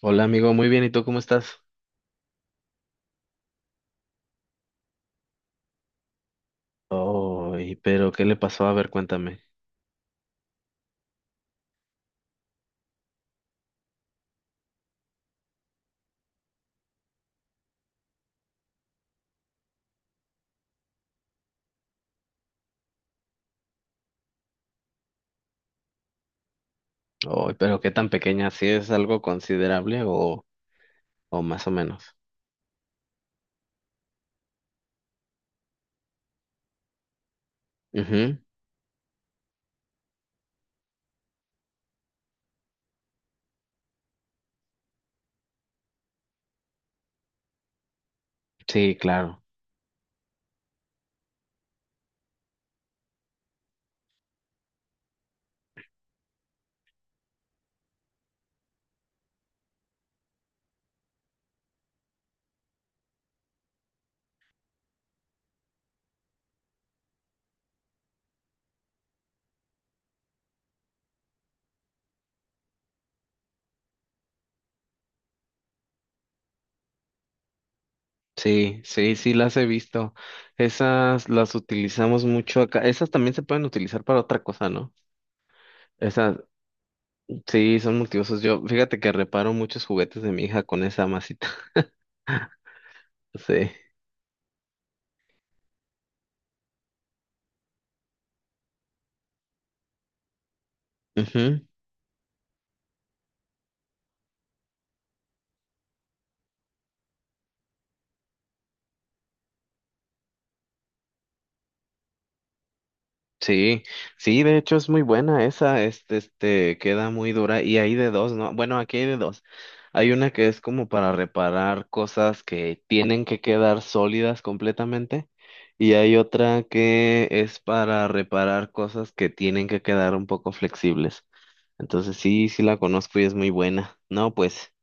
Hola amigo, muy bien, ¿y tú cómo estás? Ay, pero ¿qué le pasó? A ver, cuéntame. Ay, pero ¿qué tan pequeña? ¿Sí es algo considerable o más o menos? Ujú. Sí, claro. Sí, sí, sí, las he visto. Esas las utilizamos mucho acá. Esas también se pueden utilizar para otra cosa, ¿no? Esas, sí, son multiusos. Yo, fíjate que reparo muchos juguetes de mi hija con esa masita. Sí. Ujú. Sí, sí, de hecho es muy buena esa, queda muy dura y hay de dos, ¿no? Bueno, aquí hay de dos. Hay una que es como para reparar cosas que tienen que quedar sólidas completamente y hay otra que es para reparar cosas que tienen que quedar un poco flexibles. Entonces sí, sí la conozco y es muy buena. No, pues,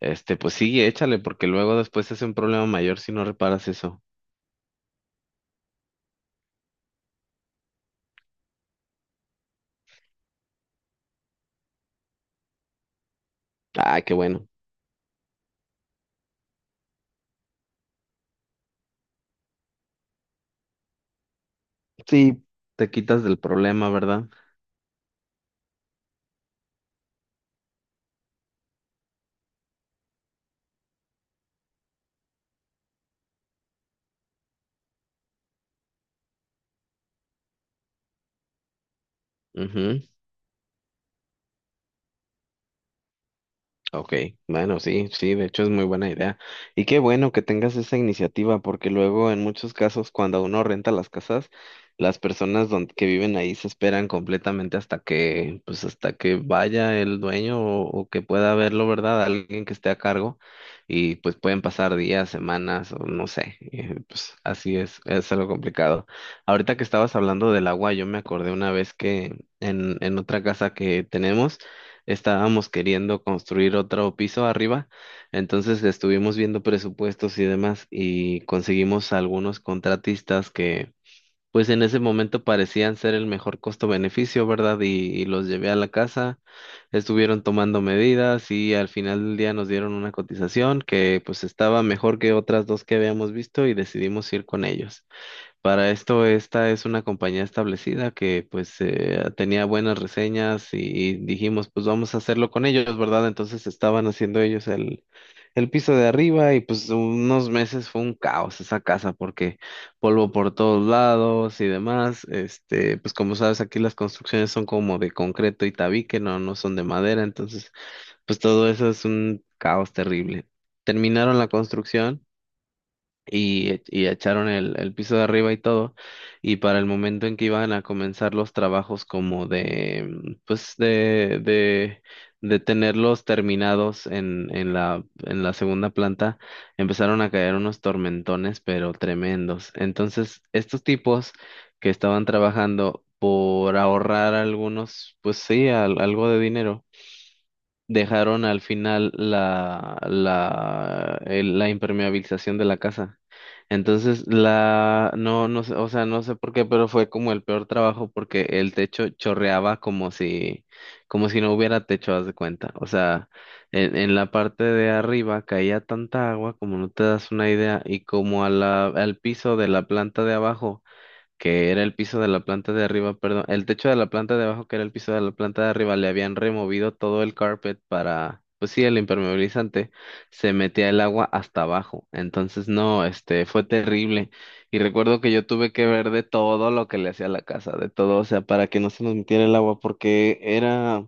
pues sí, échale porque luego después es un problema mayor si no reparas eso. Ah, qué bueno. Sí, te quitas del problema, ¿verdad? Ujú. Ok, bueno, sí, sí, de hecho es muy buena idea. Y qué bueno que tengas esa iniciativa, porque luego en muchos casos cuando uno renta las casas, las personas que viven ahí se esperan completamente hasta que, pues hasta que vaya el dueño o que pueda verlo, ¿verdad? Alguien que esté a cargo y pues pueden pasar días, semanas o no sé, pues así es algo complicado. Ahorita que estabas hablando del agua, yo me acordé una vez que en otra casa que tenemos, estábamos queriendo construir otro piso arriba, entonces estuvimos viendo presupuestos y demás y conseguimos algunos contratistas que pues en ese momento parecían ser el mejor costo-beneficio, ¿verdad? Y los llevé a la casa, estuvieron tomando medidas y al final del día nos dieron una cotización que pues estaba mejor que otras dos que habíamos visto y decidimos ir con ellos. Para esto, esta es una compañía establecida que pues tenía buenas reseñas y dijimos, pues vamos a hacerlo con ellos, ¿verdad? Entonces estaban haciendo ellos el, piso de arriba y pues unos meses fue un caos esa casa porque polvo por todos lados y demás. Pues como sabes, aquí las construcciones son como de concreto y tabique, no, no son de madera, entonces pues todo eso es un caos terrible. Terminaron la construcción y echaron el, piso de arriba y todo, y para el momento en que iban a comenzar los trabajos como de, pues de tenerlos terminados en, en la segunda planta, empezaron a caer unos tormentones, pero tremendos. Entonces, estos tipos que estaban trabajando por ahorrar algunos, pues sí, algo de dinero dejaron al final la impermeabilización de la casa. Entonces, no, no sé, o sea, no sé por qué, pero fue como el peor trabajo porque el techo chorreaba como si no hubiera techo, haz de cuenta. O sea, en la parte de arriba caía tanta agua, como no te das una idea, y como a al piso de la planta de abajo que era el piso de la planta de arriba, perdón, el techo de la planta de abajo, que era el piso de la planta de arriba, le habían removido todo el carpet para, pues sí, el impermeabilizante, se metía el agua hasta abajo. Entonces, no, fue terrible. Y recuerdo que yo tuve que ver de todo lo que le hacía a la casa, de todo, o sea, para que no se nos metiera el agua, porque era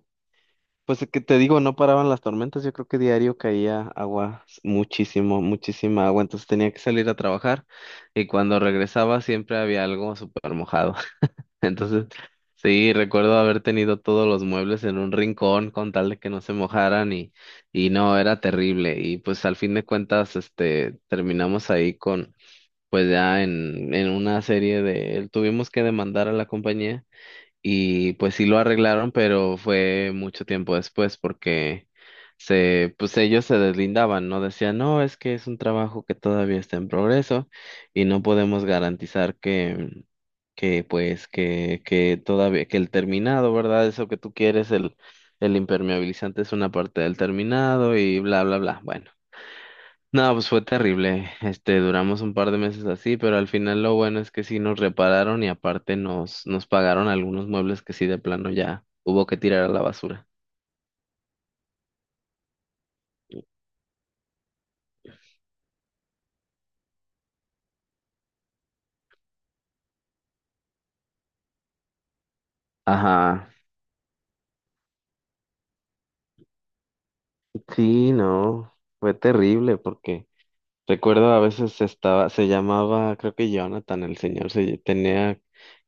pues es que te digo, no paraban las tormentas, yo creo que diario caía agua, muchísima agua, entonces tenía que salir a trabajar y cuando regresaba siempre había algo súper mojado. Entonces, sí, recuerdo haber tenido todos los muebles en un rincón con tal de que no se mojaran y no, era terrible. Y pues al fin de cuentas, terminamos ahí con, pues ya en una serie de, tuvimos que demandar a la compañía y pues sí lo arreglaron, pero fue mucho tiempo después porque pues ellos se deslindaban, ¿no? Decían, no, es que es un trabajo que todavía está en progreso y no podemos garantizar que pues, que todavía, que el terminado, ¿verdad? Eso que tú quieres, el, impermeabilizante es una parte del terminado y bla, bla, bla. Bueno. No, pues fue terrible. Duramos un par de meses así, pero al final lo bueno es que sí nos repararon y aparte nos pagaron algunos muebles que sí de plano ya hubo que tirar a la basura. Ajá. Sí, no, fue terrible porque recuerdo a veces estaba, se llamaba, creo que Jonathan, el señor, se tenía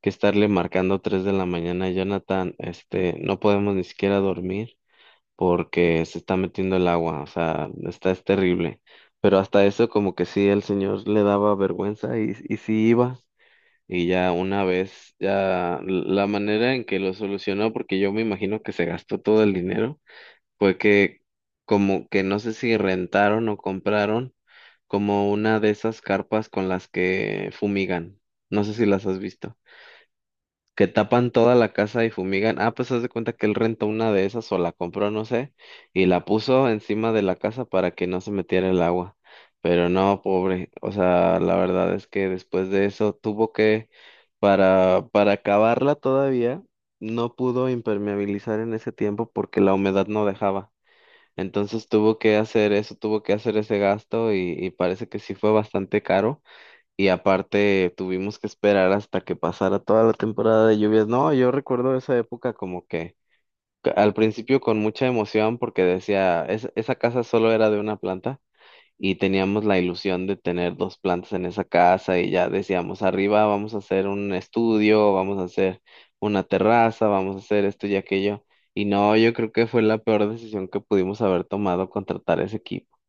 que estarle marcando 3 de la mañana, Jonathan, no podemos ni siquiera dormir. Porque se está metiendo el agua, o sea, es terrible. Pero hasta eso como que sí, el señor le daba vergüenza y sí iba. Y ya una vez, ya la manera en que lo solucionó, porque yo me imagino que se gastó todo el dinero, fue que como que no sé si rentaron o compraron como una de esas carpas con las que fumigan. No sé si las has visto que tapan toda la casa y fumigan. Ah, pues haz de cuenta que él rentó una de esas o la compró, no sé, y la puso encima de la casa para que no se metiera el agua. Pero no, pobre. O sea, la verdad es que después de eso tuvo que, para acabarla todavía, no pudo impermeabilizar en ese tiempo porque la humedad no dejaba. Entonces tuvo que hacer eso, tuvo que hacer ese gasto y parece que sí fue bastante caro y aparte tuvimos que esperar hasta que pasara toda la temporada de lluvias. No, yo recuerdo esa época como que al principio con mucha emoción porque decía, esa casa solo era de una planta y teníamos la ilusión de tener dos plantas en esa casa y ya decíamos, arriba vamos a hacer un estudio, vamos a hacer una terraza, vamos a hacer esto y aquello. Y no, yo creo que fue la peor decisión que pudimos haber tomado contratar ese equipo.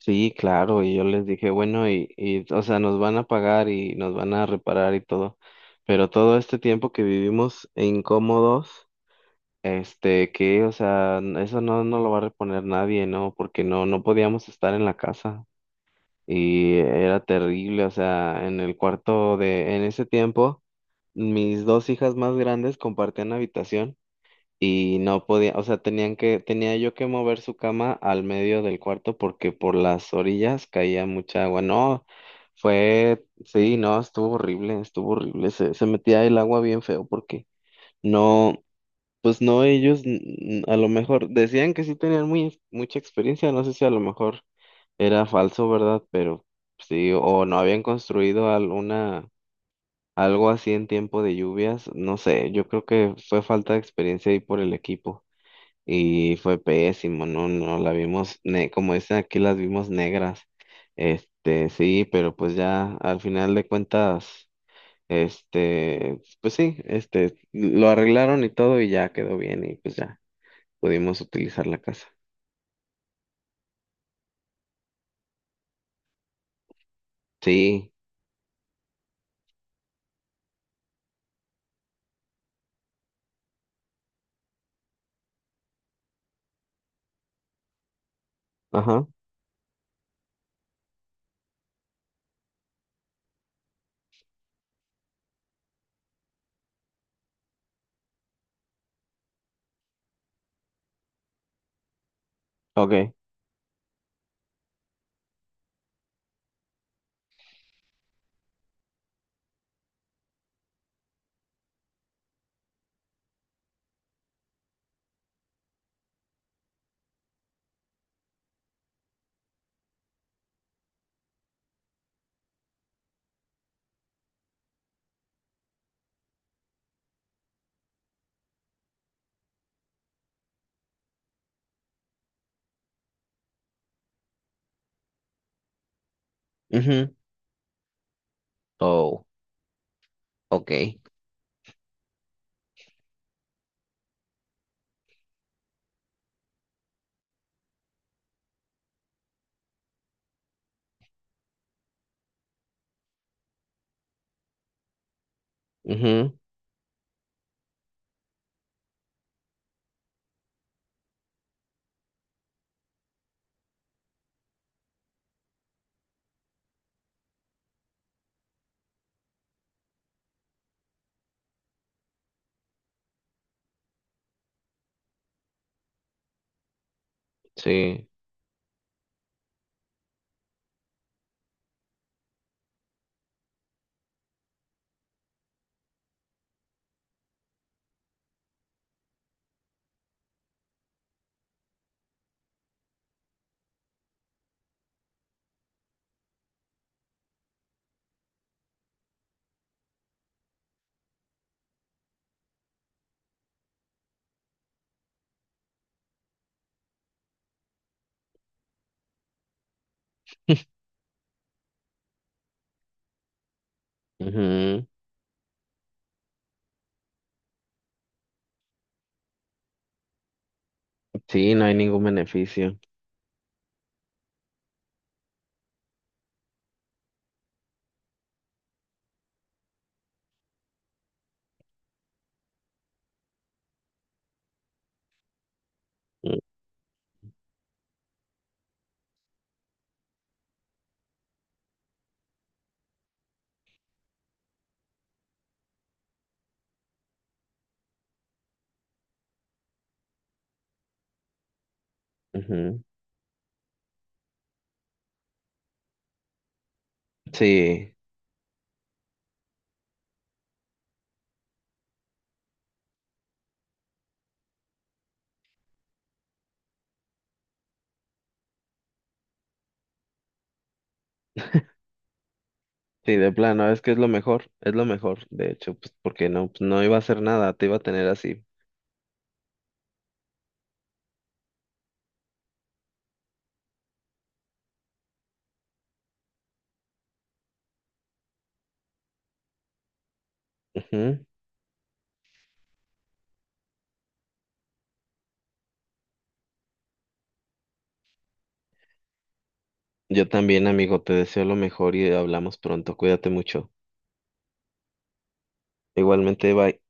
Sí, claro, y yo les dije, bueno, o sea, nos van a pagar y nos van a reparar y todo, pero todo este tiempo que vivimos incómodos, o sea, eso no lo va a reponer nadie, ¿no? Porque no, no podíamos estar en la casa y era terrible, o sea, en el cuarto en ese tiempo, mis dos hijas más grandes compartían habitación y no podía, o sea, tenía yo que mover su cama al medio del cuarto porque por las orillas caía mucha agua. No, sí, no, estuvo horrible, estuvo horrible. Se metía el agua bien feo porque no, pues no, ellos a lo mejor decían que sí tenían mucha experiencia, no sé si a lo mejor era falso, ¿verdad? Pero sí, o no habían construido alguna... Algo así en tiempo de lluvias, no sé, yo creo que fue falta de experiencia ahí por el equipo. Y fue pésimo, no, no, la vimos, ne como dicen aquí, las vimos negras. Sí, pero pues ya al final de cuentas, pues sí, lo arreglaron y todo y ya quedó bien y pues ya pudimos utilizar la casa. Sí, ajá, okay. Mhm. Oh, okay. Mhm. Sí, mhm. Sí, no hay ningún beneficio. Mhm. Sí. Sí, de plano, es que es lo mejor, de hecho, pues porque no, pues, no iba a hacer nada, te iba a tener así. Ujú. Yo también, amigo, te deseo lo mejor y hablamos pronto, cuídate mucho. Igualmente, bye.